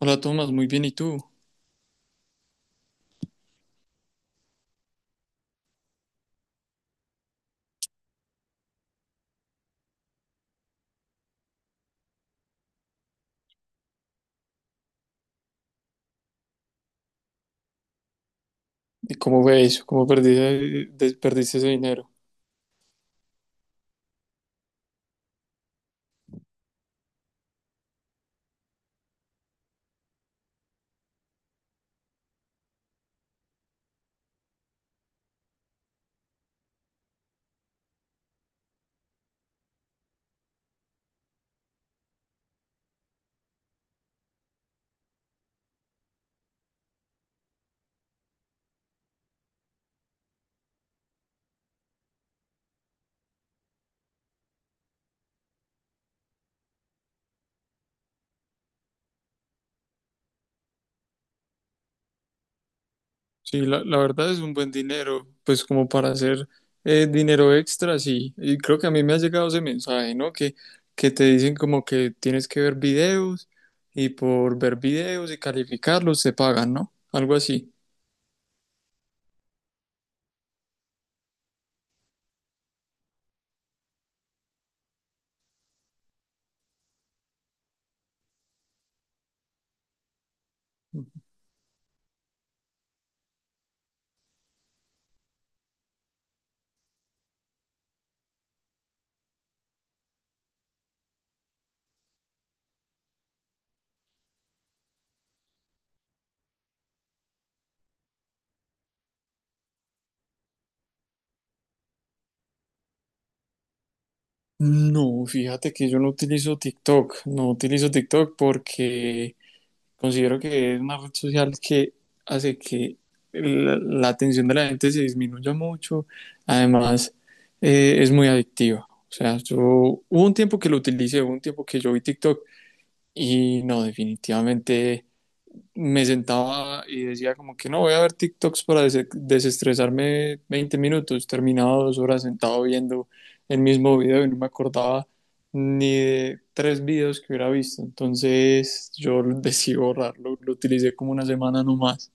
Hola Tomás, muy bien, ¿y tú? ¿Y cómo fue eso? ¿Cómo perdiste, perdiste ese dinero? Sí, la verdad es un buen dinero, pues como para hacer dinero extra, sí. Y creo que a mí me ha llegado ese mensaje, ¿no? Que te dicen como que tienes que ver videos y por ver videos y calificarlos te pagan, ¿no? Algo así. No, fíjate que yo no utilizo TikTok, no utilizo TikTok porque considero que es una red social que hace que la atención de la gente se disminuya mucho. Además, es muy adictiva. O sea, yo hubo un tiempo que lo utilicé, hubo un tiempo que yo vi TikTok y no, definitivamente me sentaba y decía como que no, voy a ver TikToks para desestresarme 20 minutos, terminaba 2 horas sentado viendo el mismo video y no me acordaba ni de tres videos que hubiera visto, entonces yo decidí borrarlo, lo utilicé como una semana nomás.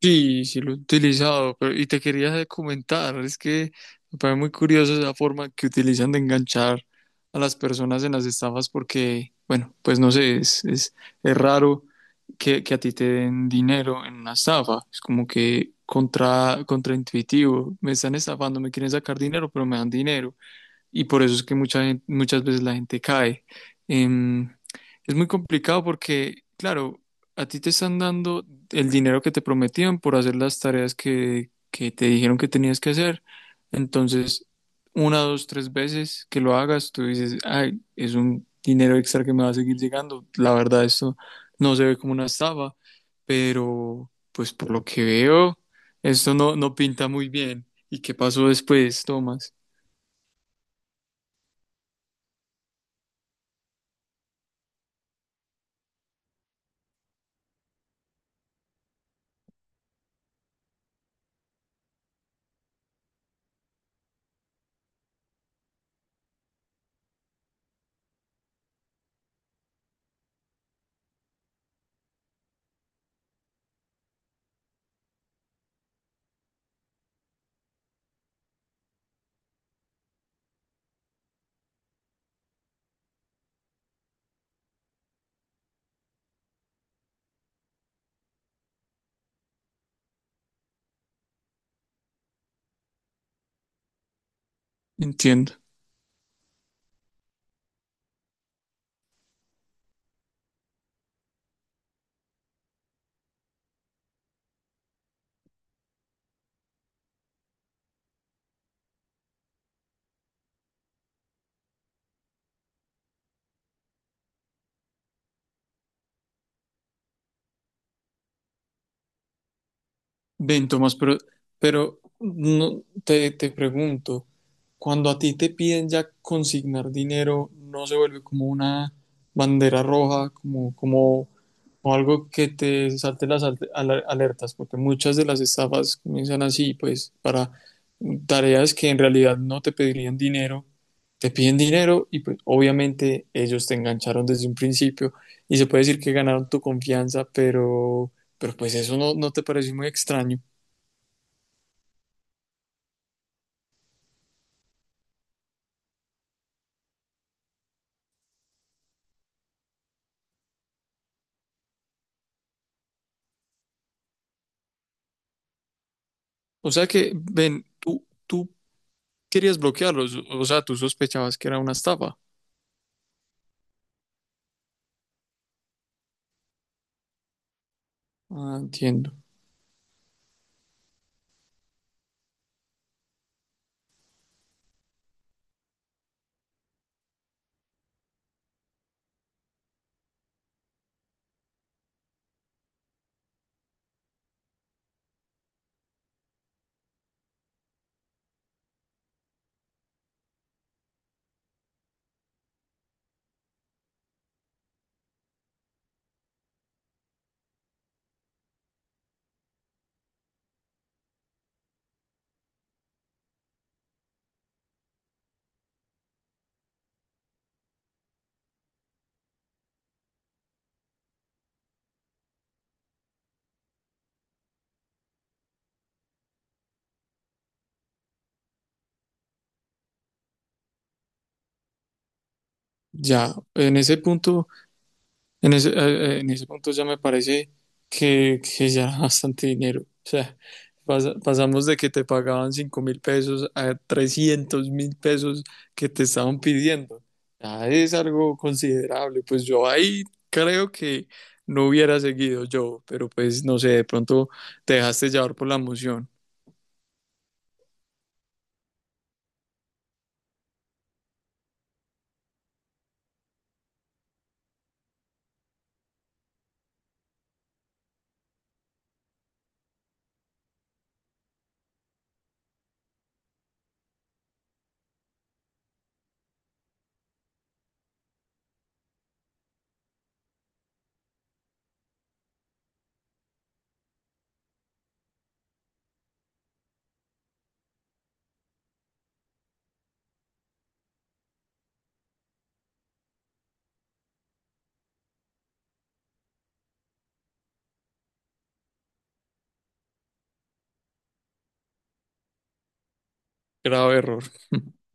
Sí, sí lo he utilizado, pero y te quería comentar, es que me parece muy curioso esa forma que utilizan de enganchar a las personas en las estafas porque, bueno, pues no sé, es raro que a ti te den dinero en una estafa, es como que contraintuitivo, me están estafando, me quieren sacar dinero, pero me dan dinero y por eso es que muchas veces la gente cae. Em, es muy complicado porque, claro, a ti te están dando el dinero que te prometían por hacer las tareas que te dijeron que tenías que hacer. Entonces, una, dos, tres veces que lo hagas, tú dices, ay, es un dinero extra que me va a seguir llegando. La verdad, esto no se ve como una estafa, pero pues por lo que veo, esto no, no pinta muy bien. ¿Y qué pasó después, Tomás? Entiendo. Ven, Tomás, pero no, te pregunto, cuando a ti te piden ya consignar dinero, ¿no se vuelve como una bandera roja, como algo que te salte las alertas? Porque muchas de las estafas comienzan así, pues, para tareas que en realidad no te pedirían dinero, te piden dinero y pues obviamente ellos te engancharon desde un principio y se puede decir que ganaron tu confianza, pero, pero pues eso no te pareció muy extraño. O sea que, ven, tú querías bloquearlos, o sea, tú sospechabas que era una estafa. Ah, entiendo. Ya, en ese punto, en ese punto ya me parece que ya era bastante dinero. O sea, pasamos de que te pagaban 5.000 pesos a 300.000 pesos que te estaban pidiendo. Ya es algo considerable. Pues yo ahí creo que no hubiera seguido yo, pero pues no sé, de pronto te dejaste llevar por la emoción. Grave error.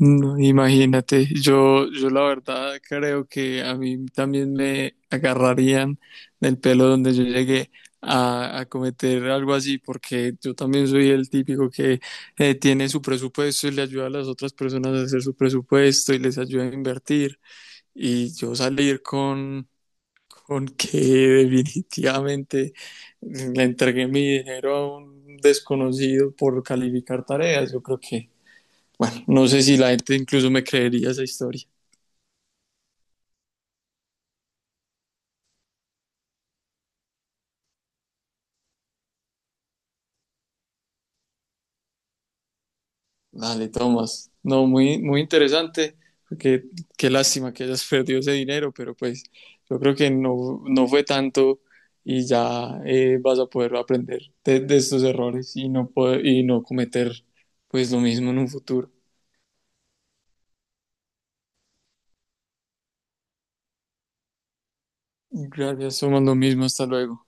No, imagínate, yo la verdad creo que a mí también me agarrarían del pelo donde yo llegué a cometer algo así, porque yo también soy el típico que tiene su presupuesto y le ayuda a las otras personas a hacer su presupuesto y les ayuda a invertir. Y yo salir con que definitivamente le entregué mi dinero a un desconocido por calificar tareas, yo creo que... Bueno, no sé si la gente incluso me creería esa historia. Dale, Tomás. No, muy, muy interesante, porque qué lástima que hayas perdido ese dinero, pero pues yo creo que no fue tanto y ya vas a poder aprender de estos errores y no, cometer pues lo mismo en un futuro. Gracias, somos lo mismo, hasta luego.